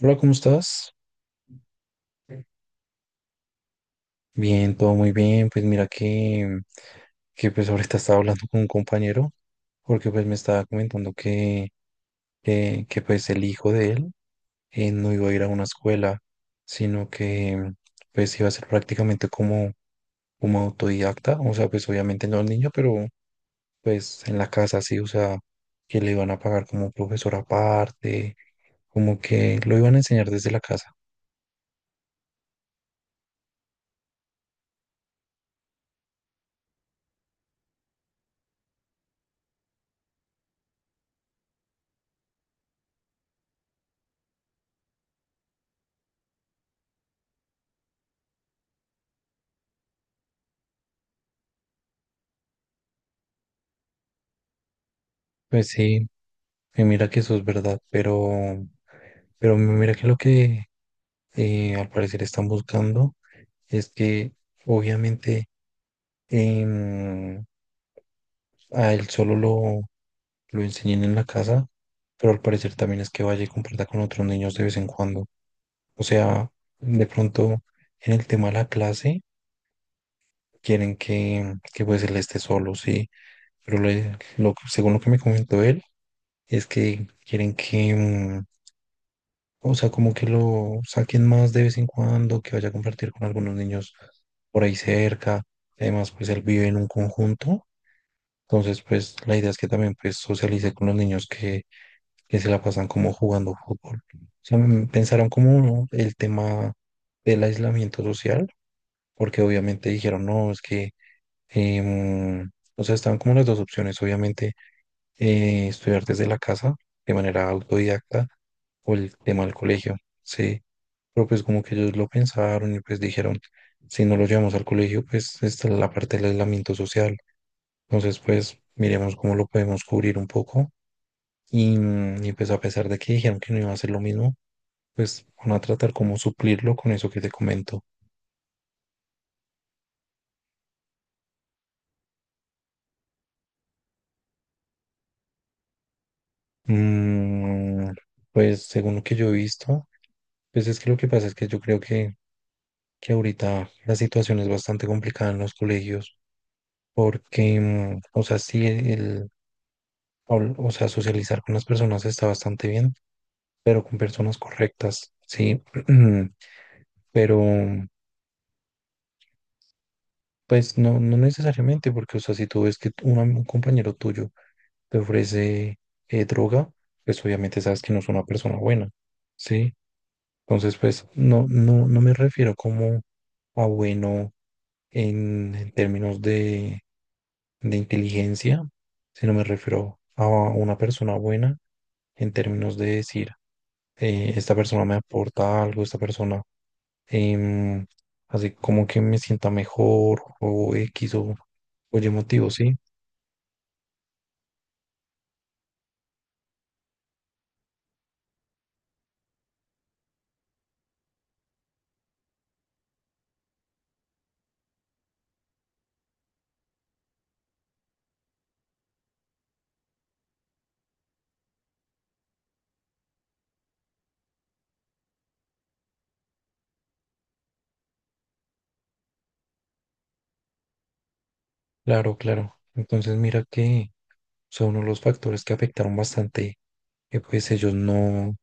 Hola, ¿cómo estás? Bien, todo muy bien. Pues mira que pues ahorita estaba hablando con un compañero porque pues me estaba comentando que pues el hijo de él no iba a ir a una escuela, sino que pues iba a ser prácticamente como autodidacta. O sea, pues obviamente no el niño, pero pues en la casa sí, o sea, que le iban a pagar como profesor aparte, como que lo iban a enseñar desde la casa. Pues sí, y mira que eso es verdad, pero... Pero mira que lo que al parecer están buscando es que obviamente em, a él lo enseñen en la casa, pero al parecer también es que vaya y comparta con otros niños de vez en cuando. O sea, de pronto en el tema de la clase quieren que pues él esté solo, sí, pero lo, según lo que me comentó él es que quieren que, o sea, como que lo saquen más de vez en cuando, que vaya a compartir con algunos niños por ahí cerca. Además, pues él vive en un conjunto. Entonces, pues la idea es que también pues socialice con los niños que se la pasan como jugando fútbol. O sea, pensaron como ¿no? el tema del aislamiento social, porque obviamente dijeron, no, es que, em, o sea, estaban como las dos opciones, obviamente, estudiar desde la casa de manera autodidacta o el tema del colegio. Sí. Pero pues como que ellos lo pensaron y pues dijeron, si no lo llevamos al colegio, pues está la parte del aislamiento social. Entonces pues miremos cómo lo podemos cubrir un poco. Y pues a pesar de que dijeron que no iba a ser lo mismo, pues van a tratar como suplirlo con eso que te comento. Mm, pues según lo que yo he visto, pues es que lo que pasa es que yo creo que ahorita la situación es bastante complicada en los colegios porque, o sea, sí, o sea, socializar con las personas está bastante bien, pero con personas correctas, sí, pero pues no, no necesariamente porque, o sea, si tú ves que un compañero tuyo te ofrece droga, pues obviamente sabes que no es una persona buena, ¿sí? Entonces, pues no, no, no me refiero como a bueno en términos de inteligencia, sino me refiero a una persona buena en términos de decir, esta persona me aporta algo, esta persona em, hace como que me sienta mejor o X o Y motivo, ¿sí? Claro, claro. Entonces mira que son uno de los factores que afectaron bastante que pues ellos no,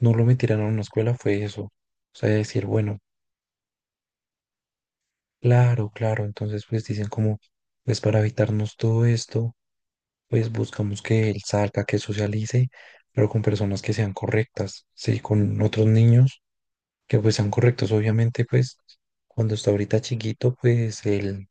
no lo metieran a una escuela fue eso. O sea, decir, bueno, claro, claro. Entonces, pues dicen como, pues para evitarnos todo esto, pues buscamos que él salga, que socialice, pero con personas que sean correctas, sí, con otros niños que pues sean correctos. Obviamente, pues cuando está ahorita chiquito, pues él,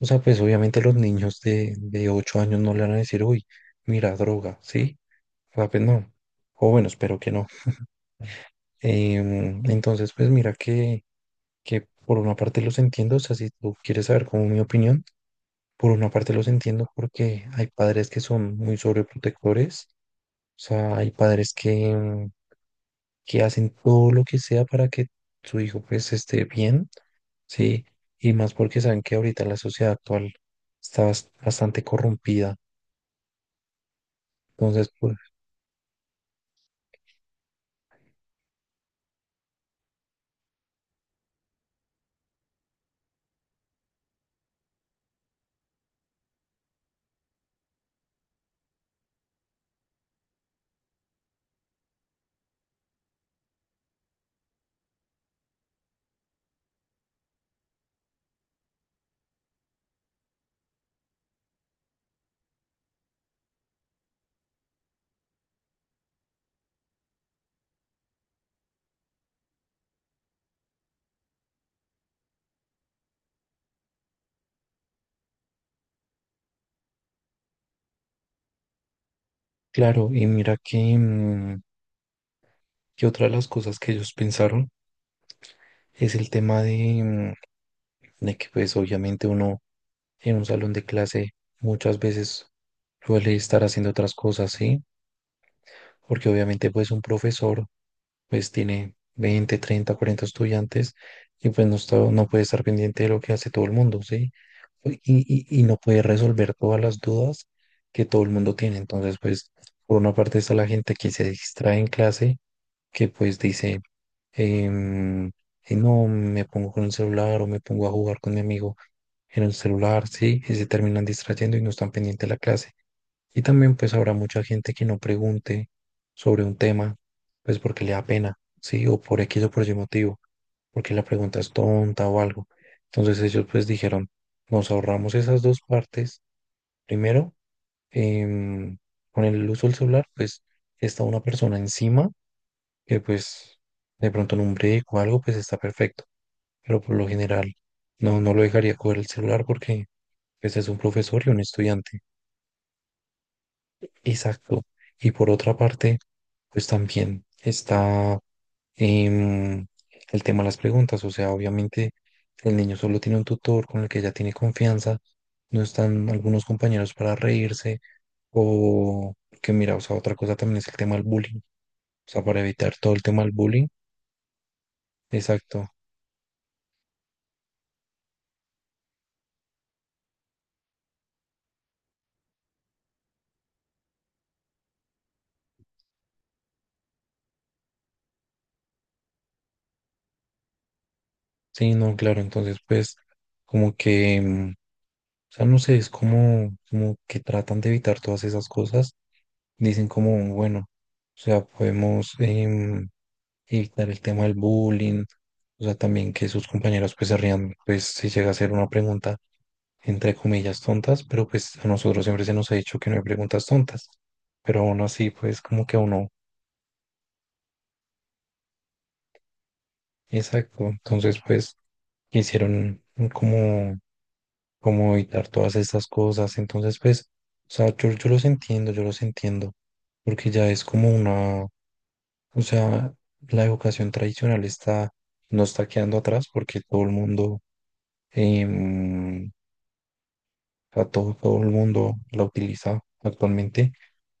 o sea, pues obviamente los niños de 8 años no le van a decir, uy, mira, droga, ¿sí? O sea, pues no. O bueno, espero que no. Entonces, pues mira que por una parte los entiendo, o sea, si tú quieres saber como mi opinión, por una parte los entiendo porque hay padres que son muy sobreprotectores, o sea, hay padres que, que hacen todo lo que sea para que su hijo pues esté bien, ¿sí? Y más porque saben que ahorita la sociedad actual está bastante corrompida. Entonces, pues claro, y mira que, que otra de las cosas que ellos pensaron es el tema de, de que pues obviamente uno en un salón de clase muchas veces suele estar haciendo otras cosas, ¿sí? Porque obviamente pues un profesor pues tiene 20 30 40 estudiantes y pues no está, no puede estar pendiente de lo que hace todo el mundo, ¿sí? Y no puede resolver todas las dudas que todo el mundo tiene. Entonces pues por una parte está la gente que se distrae en clase, que pues dice, em, no, me pongo con el celular o me pongo a jugar con mi amigo en el celular, ¿sí? Y se terminan distrayendo y no están pendientes de la clase. Y también pues habrá mucha gente que no pregunte sobre un tema, pues porque le da pena, ¿sí? O por X o por Y motivo, porque la pregunta es tonta o algo. Entonces ellos pues dijeron, nos ahorramos esas dos partes. Primero, em, con el uso del celular, pues está una persona encima que pues de pronto en un break o algo, pues está perfecto. Pero por lo general no, no lo dejaría coger el celular porque pues es un profesor y un estudiante. Exacto. Y por otra parte, pues también está em, el tema de las preguntas. O sea, obviamente el niño solo tiene un tutor con el que ya tiene confianza. No están algunos compañeros para reírse. O que mira, o sea, otra cosa también es el tema del bullying. O sea, para evitar todo el tema del bullying, exacto. Sí, no, claro. Entonces, pues, como que, o sea, no sé, es como, como que tratan de evitar todas esas cosas. Dicen como, bueno, o sea, podemos evitar el tema del bullying. O sea, también que sus compañeros pues se rían, pues si llega a ser una pregunta, entre comillas, tontas, pero pues a nosotros siempre se nos ha dicho que no hay preguntas tontas. Pero aún así, pues como que a uno exacto. Entonces, pues, quisieron como, como evitar todas estas cosas. Entonces, pues, o sea, yo los entiendo, yo los entiendo. Porque ya es como una, o sea, la educación tradicional está, no está quedando atrás porque todo el mundo, em, o sea, todo el mundo la utiliza actualmente.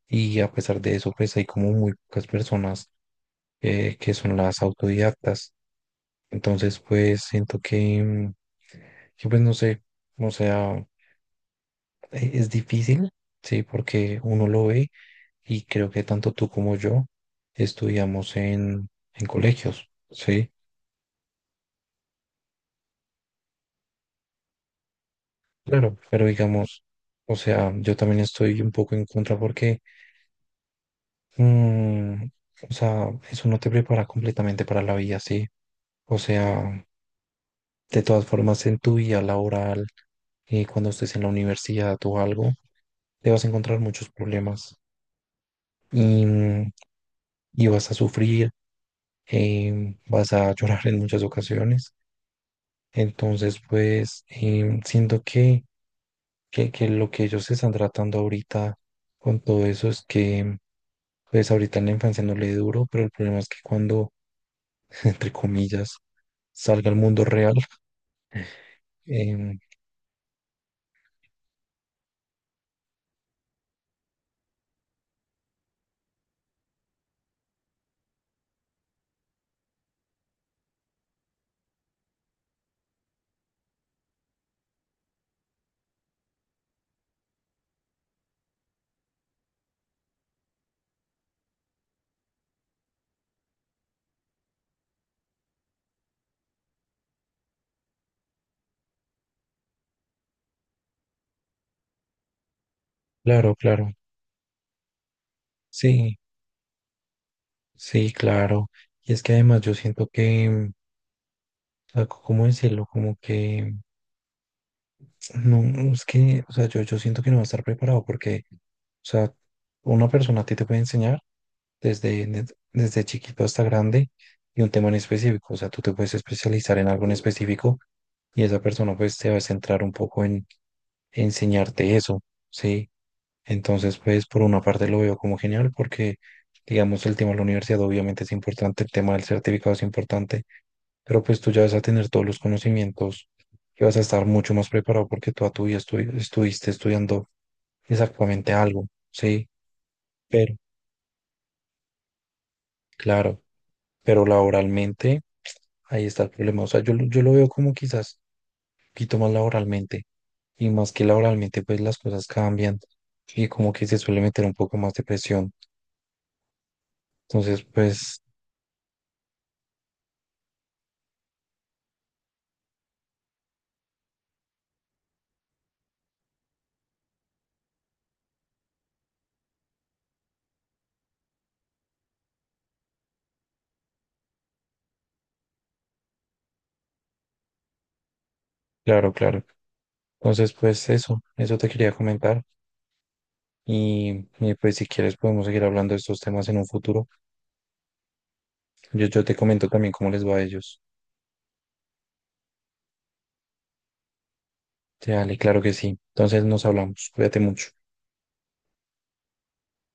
Y a pesar de eso, pues hay como muy pocas personas que son las autodidactas. Entonces, pues siento que, que, pues no sé, o sea, es difícil, sí, porque uno lo ve y creo que tanto tú como yo estudiamos en colegios, sí, claro, pero digamos, o sea, yo también estoy un poco en contra porque, mm, o sea, eso no te prepara completamente para la vida, sí, o sea, de todas formas en tu vida laboral, cuando estés en la universidad o algo te vas a encontrar muchos problemas y, y vas a sufrir, vas a llorar en muchas ocasiones. Entonces, pues siento que, que lo que ellos están tratando ahorita con todo eso es que, pues ahorita en la infancia no le duro, pero el problema es que cuando, entre comillas, salga al mundo real. em, claro, claro. Sí, sí, claro. Y es que además yo siento que, o sea, ¿cómo decirlo? Como que no, es que, o sea, yo siento que no va a estar preparado porque, o sea, una persona a ti te puede enseñar desde chiquito hasta grande y un tema en específico, o sea, tú te puedes especializar en algo en específico y esa persona pues te va a centrar un poco en enseñarte eso, ¿sí? Entonces, pues por una parte lo veo como genial porque, digamos, el tema de la universidad obviamente es importante, el tema del certificado es importante, pero pues tú ya vas a tener todos los conocimientos y vas a estar mucho más preparado porque toda tu vida estuviste estudiando exactamente algo, ¿sí? Pero, claro, pero laboralmente, ahí está el problema. O sea, yo lo veo como quizás un poquito más laboralmente y más que laboralmente, pues las cosas cambian y como que se suele meter un poco más de presión. Entonces, pues, claro, claro. Entonces, pues eso te quería comentar. Y pues si quieres podemos seguir hablando de estos temas en un futuro. Yo te comento también cómo les va a ellos. Sí, dale, claro que sí. Entonces nos hablamos. Cuídate mucho.